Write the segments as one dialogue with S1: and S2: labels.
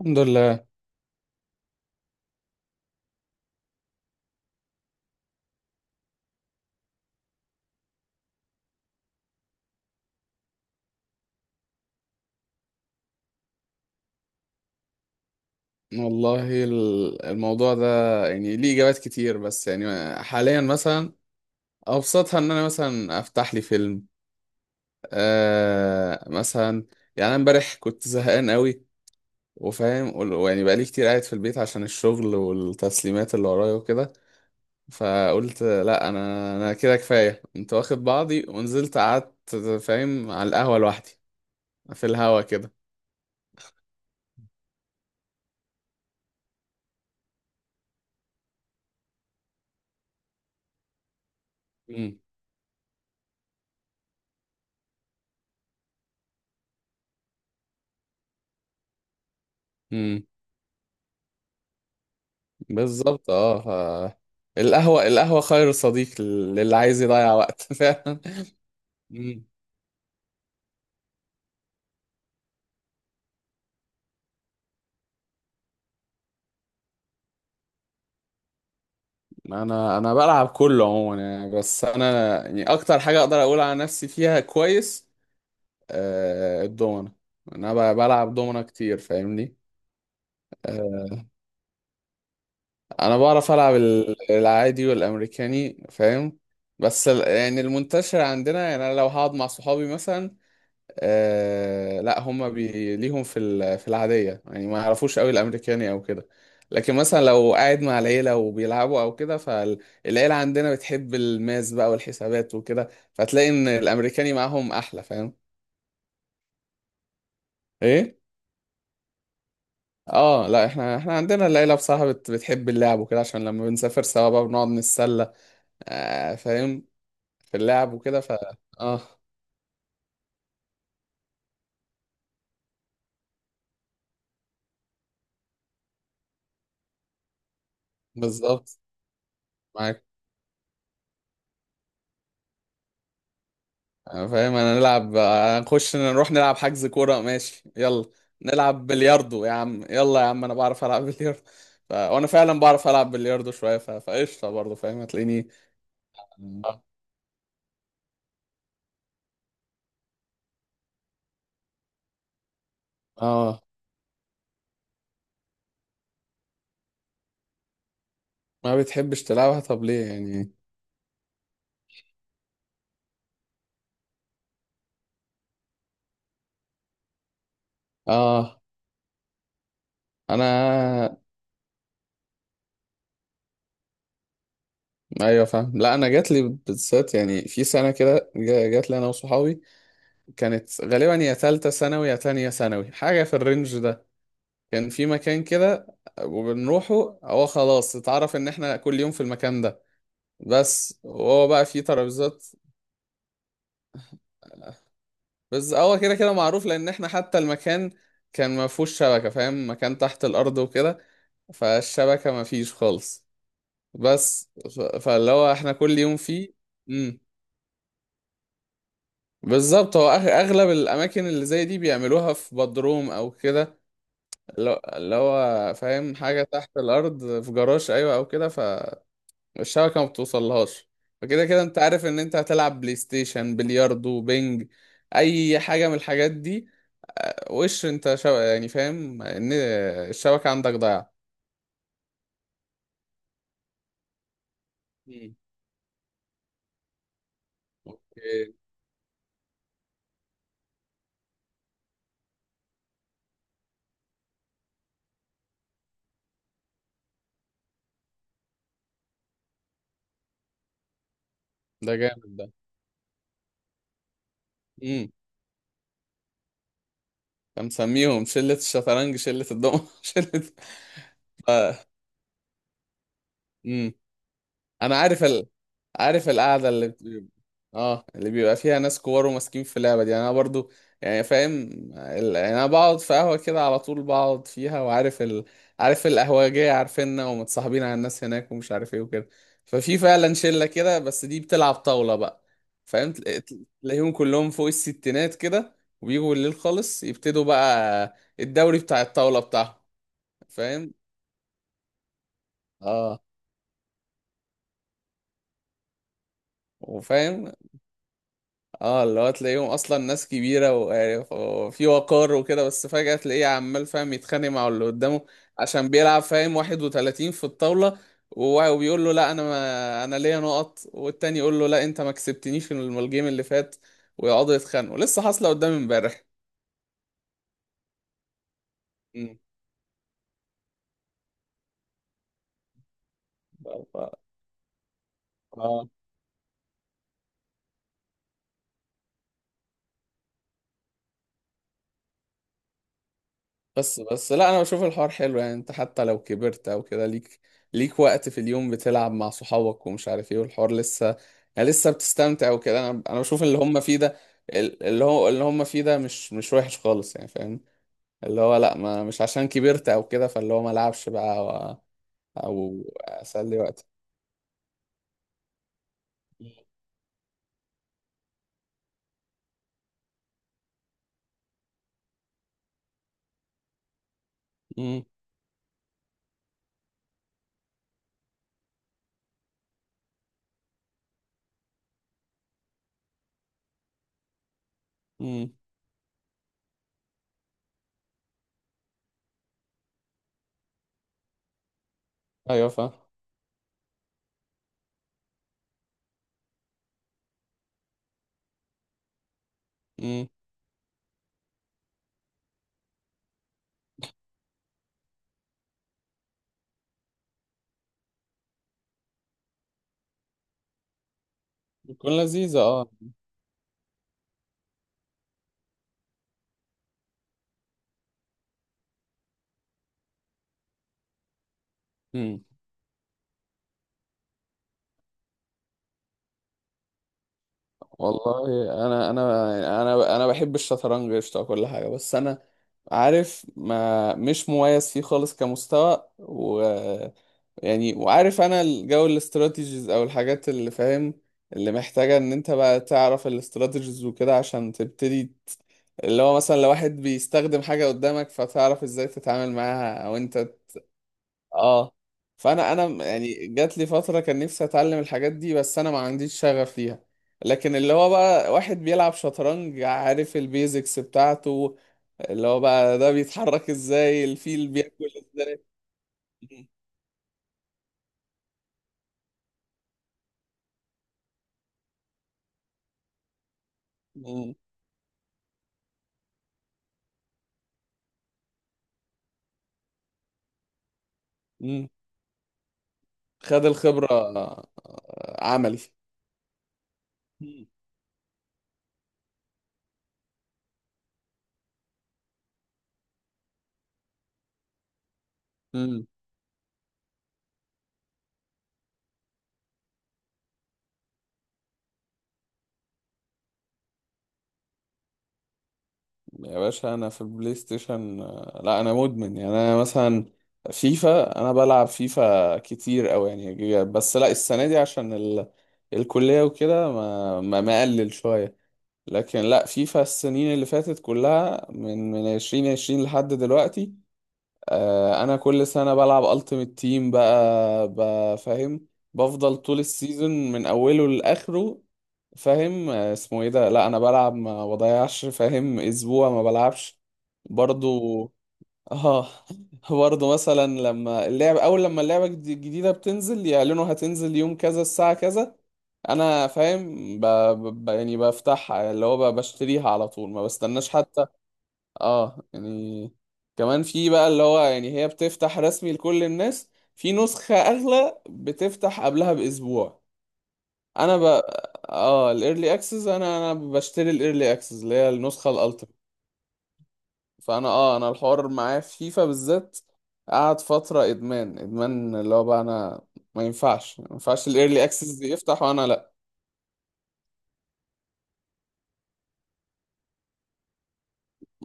S1: الحمد لله. والله الموضوع ده يعني ليه إجابات كتير، بس يعني حاليا مثلا أبسطها إن أنا مثلا أفتح لي فيلم، مثلا. يعني أنا إمبارح كنت زهقان قوي، وفاهم ويعني بقالي كتير قاعد في البيت عشان الشغل والتسليمات اللي ورايا وكده. فقلت لا، أنا كده كفاية، كنت واخد بعضي ونزلت قعدت فاهم على القهوة لوحدي في الهوا كده. مم. بالظبط، اه. ف... القهوة القهوة خير صديق للي عايز يضيع وقت، فعلا. مم. انا بلعب كله عموما يعني، بس انا يعني اكتر حاجة اقدر اقول على نفسي فيها كويس، الدومنة. انا بلعب دومنة كتير فاهمني. آه انا بعرف العب العادي والامريكاني فاهم. بس يعني المنتشر عندنا، يعني انا لو هقعد مع صحابي مثلا، لا هم ليهم في العادية، يعني ما يعرفوش قوي الأمريكاني أو كده. لكن مثلا لو قاعد مع العيلة وبيلعبوا أو كده، فالعيلة عندنا بتحب الماس بقى والحسابات وكده، فتلاقي إن الأمريكاني معاهم أحلى فاهم. إيه؟ اه لا، احنا عندنا العيلة بصراحة بتحب اللعب وكده، عشان لما بنسافر سوا بقى بنقعد نتسلى فاهم في اللعب وكده. اه بالظبط، معاك. أنا فاهم، انا نلعب، نخش نروح نلعب حجز كورة ماشي يلا. نلعب بلياردو يا عم، يلا يا عم، انا بعرف العب بلياردو. وانا فعلا بعرف العب بلياردو شوية، فقشطة برضه فاهم هتلاقيني. اه. آه. ما بتحبش تلعبها، طب ليه يعني؟ اه، انا ايوه فاهم. لا انا جات لي بالذات يعني في سنة كده، جات لي انا وصحابي. كانت غالبا يا تالتة ثانوي يا تانية ثانوي، حاجة في الرينج ده. كان في مكان كده وبنروحه، هو خلاص اتعرف ان احنا كل يوم في المكان ده، بس، وهو بقى فيه ترابيزات. بس هو كده كده معروف، لان احنا حتى المكان كان ما فيهوش شبكة فاهم، مكان تحت الارض وكده، فالشبكة ما فيش خالص. بس فاللي هو احنا كل يوم فيه. امم بالظبط، هو اغلب الاماكن اللي زي دي بيعملوها في بدروم او كده، اللي هو فاهم حاجة تحت الارض في جراج ايوه او كده. الشبكة ما بتوصلهاش. فكده كده انت عارف ان انت هتلعب بلاي ستيشن، بلياردو، بينج، اي حاجة من الحاجات دي، وش انت يعني فاهم ان الشبكة عندك ضايعة. مم. اوكي. ده جامد ده. امم فمسميهم شلة الشطرنج، شلة الدومنة، شلة ف... امم انا عارف، عارف القعده اللي اه، اللي بيبقى فيها ناس كبار وماسكين في اللعبه دي. يعني انا برضو يعني فاهم، يعني انا بقعد في قهوه كده على طول بقعد فيها، وعارف عارف القهوجيه عارفيننا، ومتصاحبين على الناس هناك، ومش عارف ايه وكده. ففي فعلا شله كده، بس دي بتلعب طاوله بقى، فاهم تلاقيهم كلهم فوق الستينات كده. وبيجوا بالليل خالص، يبتدوا بقى الدوري بتاع الطاوله بتاعهم فاهم. اه وفاهم. اه اللي هو تلاقيهم اصلا ناس كبيره، و- وفي وقار وكده، بس فجاه تلاقيه عمال فاهم يتخانق مع اللي قدامه عشان بيلعب فاهم 31 في الطاوله. و- وبيقول له لا انا، ما انا ليا نقط، والتاني يقول له لا انت ما كسبتنيش في الجيم اللي فات، ويقعدوا يتخانقوا. لسه حاصله قدامي امبارح. مم. ف- ف- اه بس بس، لا انا بشوف الحوار حلو يعني. انت حتى لو كبرت او كده ليك وقت في اليوم بتلعب مع صحابك ومش عارف ايه، والحوار لسه يعني لسه بتستمتع وكده. انا بشوف اللي هم فيه ده، اللي هو اللي هم فيه ده مش وحش خالص يعني فاهم. اللي هو لا، ما مش عشان كبرت او كده فاللي هو ما العبش بقى، او أو اسلي وقت. امم امم ايوه فاهم امم بتكون لذيذة اه. والله انا بحب الشطرنج قشطه وكل حاجه، بس انا عارف، ما مش مميز فيه خالص كمستوى، و يعني وعارف انا الجو الاستراتيجيز او الحاجات اللي فاهم، اللي محتاجه ان انت بقى تعرف الاستراتيجيز وكده عشان تبتدي اللي هو مثلا لو واحد بيستخدم حاجه قدامك فتعرف ازاي تتعامل معاها، او انت اه. فانا يعني جات لي فتره كان نفسي اتعلم الحاجات دي، بس انا ما عنديش شغف ليها. لكن اللي هو بقى واحد بيلعب شطرنج عارف البيزكس بتاعته، اللي هو بقى ده بيتحرك ازاي، الفيل بياكل ازاي. م- م- م. خد الخبره، عملي م- يا باشا انا في البلاي ستيشن، لا انا مدمن يعني. انا مثلا فيفا، انا بلعب فيفا كتير قوي يعني، بس لا السنه دي عشان الكليه وكده ما مقلل شويه. لكن لا فيفا، السنين اللي فاتت كلها من 2020 لحد دلوقتي، انا كل سنه بلعب التيمت تيم بقى فاهم. بفضل طول السيزون من اوله لاخره فاهم. اسمه ايه ده، لا انا بلعب ما بضيعش فاهم اسبوع ما بلعبش برضو. اه. برضو مثلا لما اللعب اول لما اللعبه الجديده بتنزل يعلنوا هتنزل يوم كذا الساعه كذا، انا فاهم ب... يعني بفتحها اللي هو بشتريها على طول، ما بستناش حتى. اه يعني كمان في بقى اللي هو يعني هي بتفتح رسمي لكل الناس، في نسخة اغلى بتفتح قبلها باسبوع. انا اه الايرلي اكسس، انا بشتري الايرلي اكسس اللي هي النسخة الالتيميت. فانا اه انا الحوار معايا في فيفا بالذات قعد فترة ادمان ادمان. اللي هو بقى انا، ما ينفعش ما ينفعش الايرلي اكسس يفتح وانا لا.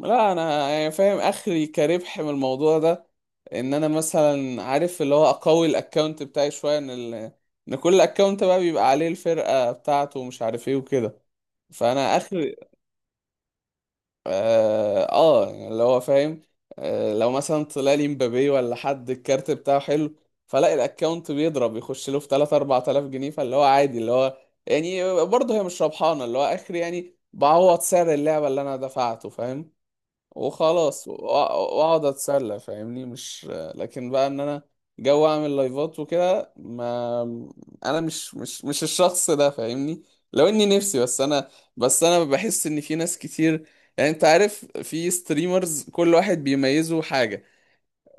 S1: لا انا يعني فاهم اخري كربح من الموضوع ده، ان انا مثلا عارف اللي هو اقوي الاكونت بتاعي شويه، ان ان كل اكونت بقى بيبقى عليه الفرقه بتاعته ومش عارف ايه وكده. فانا اخر يعني اللي هو فاهم. لو مثلا طلع لي مبابي، ولا حد الكارت بتاعه حلو، فلاقي الاكونت بيضرب يخش له في 3 4000 جنيه، فاللي هو عادي. اللي هو يعني برضه هي مش ربحانه اللي هو اخري، يعني بعوض سعر اللعبه اللي انا دفعته فاهم. وخلاص واقعد اتسلى فاهمني مش. لكن بقى ان انا جو اعمل لايفات وكده، ما انا مش الشخص ده فاهمني، لو اني نفسي بس انا بحس ان في ناس كتير، يعني انت عارف في ستريمرز كل واحد بيميزه حاجة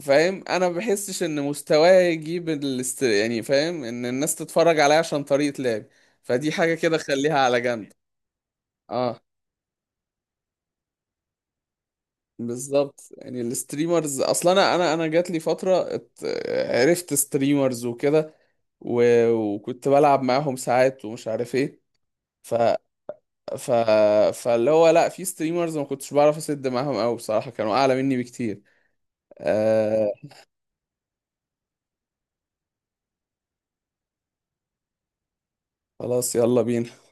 S1: فاهم، انا ما بحسش ان مستواه يجيب يعني فاهم ان الناس تتفرج عليا عشان طريقة لعبي، فدي حاجة كده خليها على جنب. اه بالظبط يعني، الستريمرز اصلا انا جات لي فتره عرفت ستريمرز وكده، و- وكنت بلعب معاهم ساعات ومش عارف ايه. ف ف فاللي هو لا في ستريمرز ما كنتش بعرف اسد معاهم قوي بصراحه، كانوا اعلى مني بكتير. آه خلاص يلا بينا.